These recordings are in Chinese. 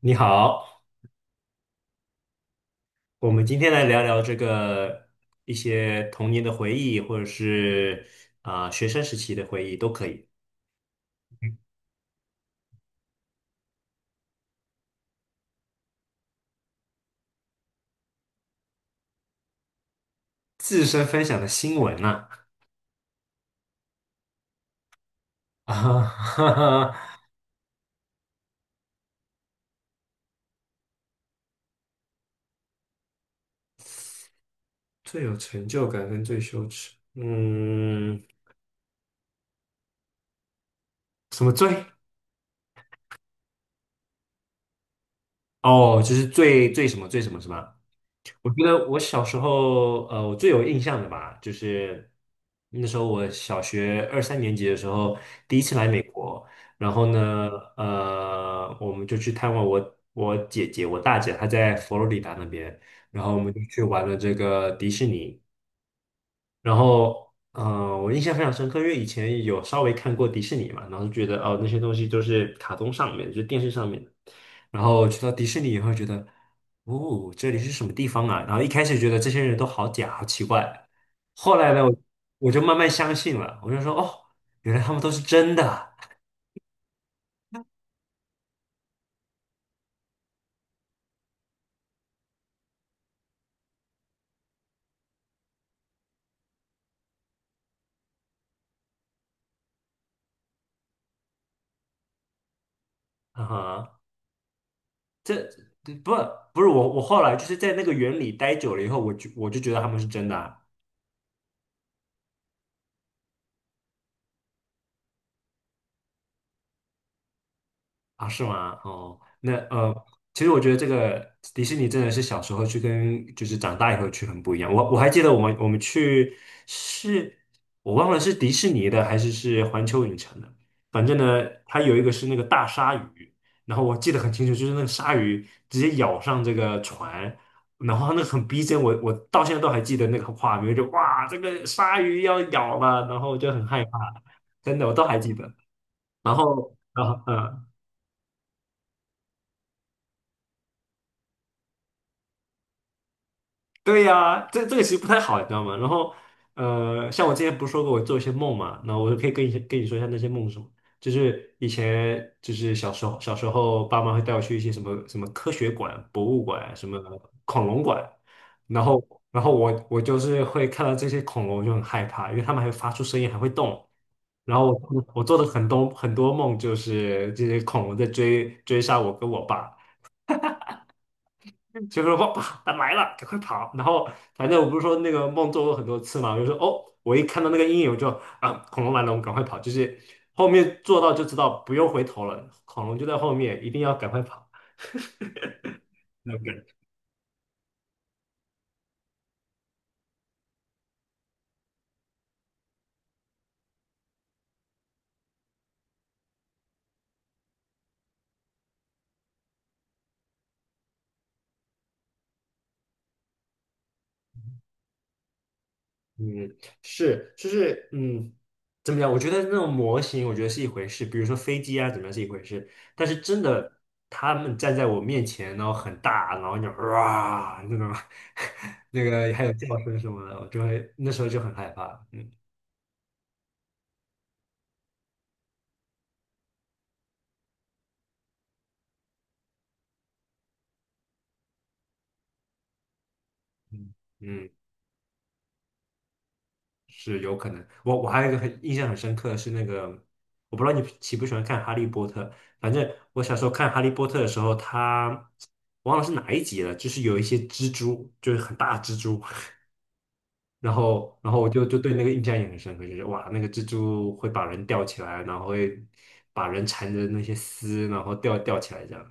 你好，我们今天来聊聊这个一些童年的回忆，或者是学生时期的回忆都可以。自身分享的新闻呐、啊，哈哈，最有成就感跟最羞耻，嗯，什么最？哦，就是最最什么最什么是吧？我觉得我小时候，我最有印象的吧，就是那时候我小学二三年级的时候，第一次来美国。然后呢，我们就去探望我姐姐，我大姐，她在佛罗里达那边，然后我们就去玩了这个迪士尼。然后，我印象非常深刻，因为以前有稍微看过迪士尼嘛，然后就觉得哦，那些东西都是卡通上面，就是电视上面的。然后去到迪士尼以后，觉得，哦，这里是什么地方啊？然后一开始觉得这些人都好假，好奇怪。后来呢，我就慢慢相信了，我就说，哦，原来他们都是真的啊！哈，这不不是我，我后来就是在那个园里待久了以后，我就觉得他们是真的啊。啊，是吗？哦，那其实我觉得这个迪士尼真的是小时候去跟就是长大以后去很不一样。我还记得我们去是，我忘了是迪士尼的还是是环球影城的。反正呢，它有一个是那个大鲨鱼，然后我记得很清楚，就是那个鲨鱼直接咬上这个船，然后那个很逼真，我到现在都还记得那个画面，就哇，这个鲨鱼要咬了，然后就很害怕，真的我都还记得。嗯。对呀、这这个其实不太好，你知道吗？然后，像我之前不是说过我做一些梦嘛，那我就可以跟你说一下那些梦是什么。就是以前就是小时候，爸妈会带我去一些什么什么科学馆、博物馆、什么恐龙馆。然后然后我就是会看到这些恐龙我就很害怕，因为它们还会发出声音，还会动。然后我做的很多梦就是这些恐龙在追杀我跟我爸。就说哇，它来了，赶快跑！然后反正我不是说那个梦做过很多次嘛，我就说哦，我一看到那个阴影我就啊，恐龙来了，我们赶快跑！就是后面做到就知道不用回头了，恐龙就在后面，一定要赶快跑。那种感觉嗯，是，就是嗯，怎么讲？我觉得那种模型，我觉得是一回事，比如说飞机啊，怎么样是一回事，但是真的。他们站在我面前，然后很大，然后就哇那种，那个还有叫声什么的，我就会那时候就很害怕。嗯嗯，嗯，是有可能。我还有一个很印象很深刻的是那个，我不知道你喜不喜欢看《哈利波特》。反正我小时候看《哈利波特》的时候，他忘了是哪一集了，就是有一些蜘蛛，就是很大的蜘蛛。然后，然后我就对那个印象也很深刻，就是哇，那个蜘蛛会把人吊起来，然后会把人缠着那些丝，然后吊起来这样。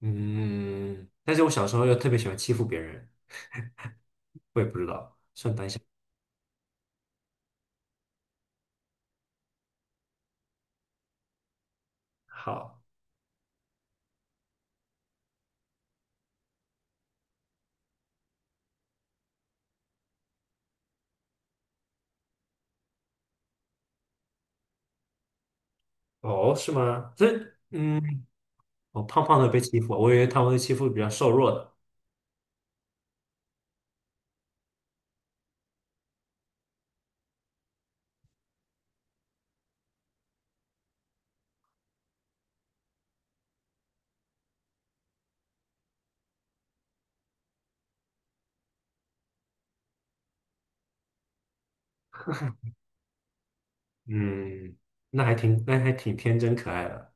嗯，但是我小时候又特别喜欢欺负别人，我也不知道。好，哦，是吗？这嗯。我胖胖的被欺负，我以为他们会欺负比较瘦弱的。嗯，那还挺，那还挺天真可爱的。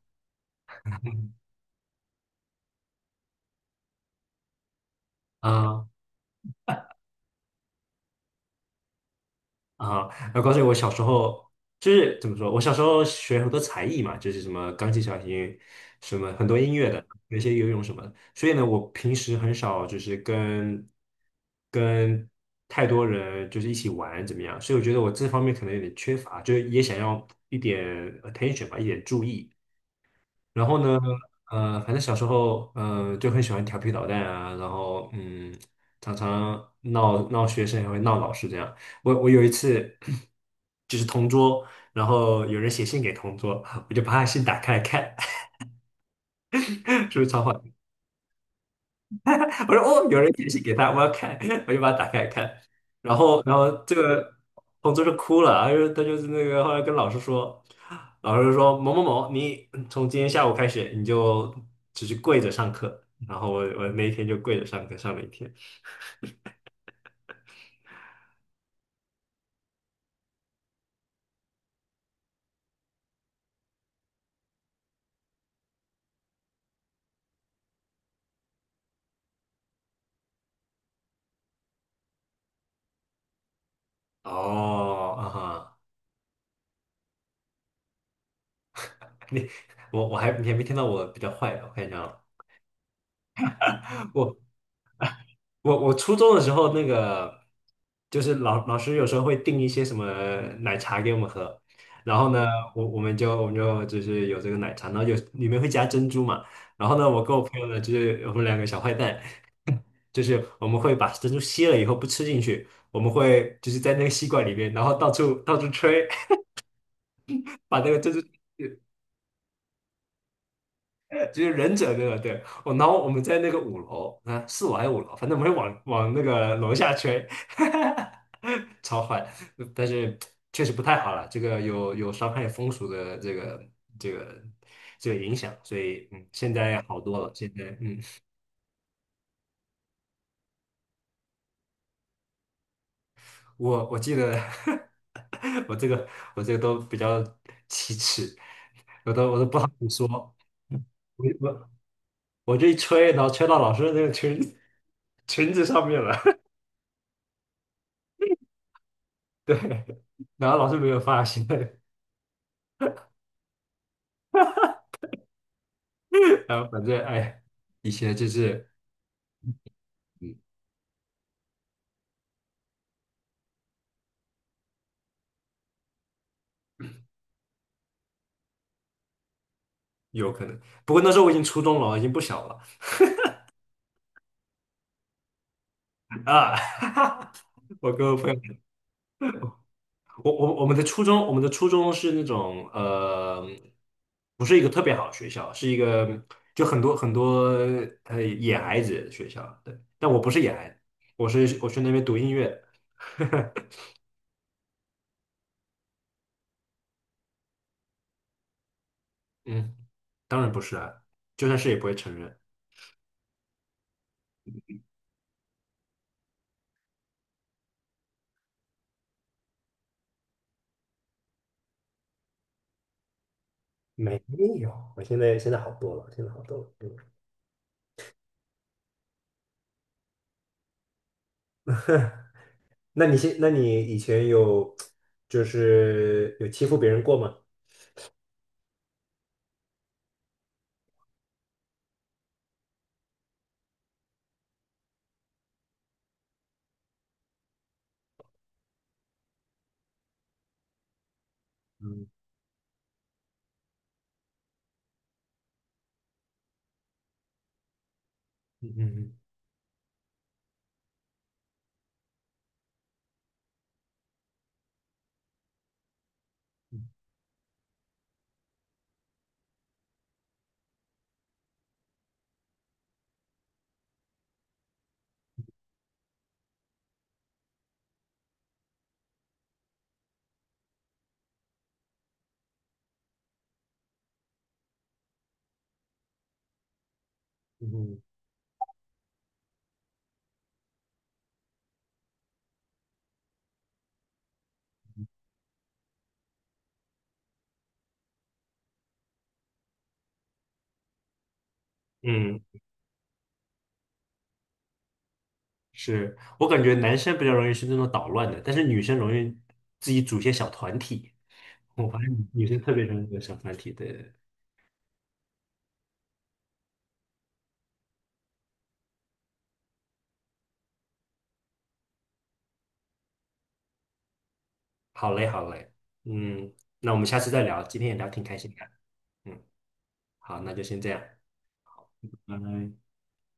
啊啊，我告诉你我小时候就是怎么说，我小时候学很多才艺嘛，就是什么钢琴、小提，琴，什么很多音乐的，有一些游泳什么的。所以呢，我平时很少就是跟太多人就是一起玩怎么样，所以我觉得我这方面可能有点缺乏，就是也想要一点 attention 吧，一点注意。然后呢，反正小时候，就很喜欢调皮捣蛋啊，然后嗯，常常闹闹学生，也会闹老师这样。我有一次 就是同桌，然后有人写信给同桌，我就把他信打开来看。是不是超坏？我说哦，有人解析给他，我要看，我就把它打开看。然后，然后这个同桌就哭了，他就是那个后来跟老师说，老师说某某某，你从今天下午开始你就只是跪着上课。然后我那一天就跪着上课上了一天。哦，啊哈，你我还你还没听到我比较坏的，我看一下啊。我初中的时候，那个就是老师有时候会订一些什么奶茶给我们喝。然后呢，我们就是有这个奶茶，然后有里面会加珍珠嘛。然后呢，我跟我朋友呢，就是我们两个小坏蛋，就是我们会把珍珠吸了以后不吃进去，我们会就是在那个吸管里面，然后到处吹，把那个珍珠就是忍者对吧？对，我然后我们在那个五楼啊，四楼还是五楼，反正我们会往那个楼下吹，超坏，但是确实不太好了，这个有伤害风俗的这个这个影响，所以嗯，现在好多了，现在嗯，我记得 我这个我这个都比较奇耻，我都不好意思说，我我这一吹，然后吹到老师的那个裙 裙子上面了。对。然后老师没有发现。然后反正哎，以前就是嗯有可能，不过那时候我已经初中了，已经不小了啊。我跟我朋友，我我们的初中，我们的初中是那种不是一个特别好的学校，是一个就很多很多呃野孩子的学校。对，但我不是野孩子，我是我去那边读音乐的。嗯，当然不是啊，就算是也不会承认。没有，我现在好多了，现在好多了。那你现，那你以前有就是有欺负别人过吗？嗯嗯嗯嗯嗯，嗯，是我感觉男生比较容易是那种捣乱的，但是女生容易自己组一些小团体。我发现女生特别容易组小团体的。好嘞，好嘞，嗯，那我们下次再聊，今天也聊挺开心的。嗯，好，那就先这样，拜拜。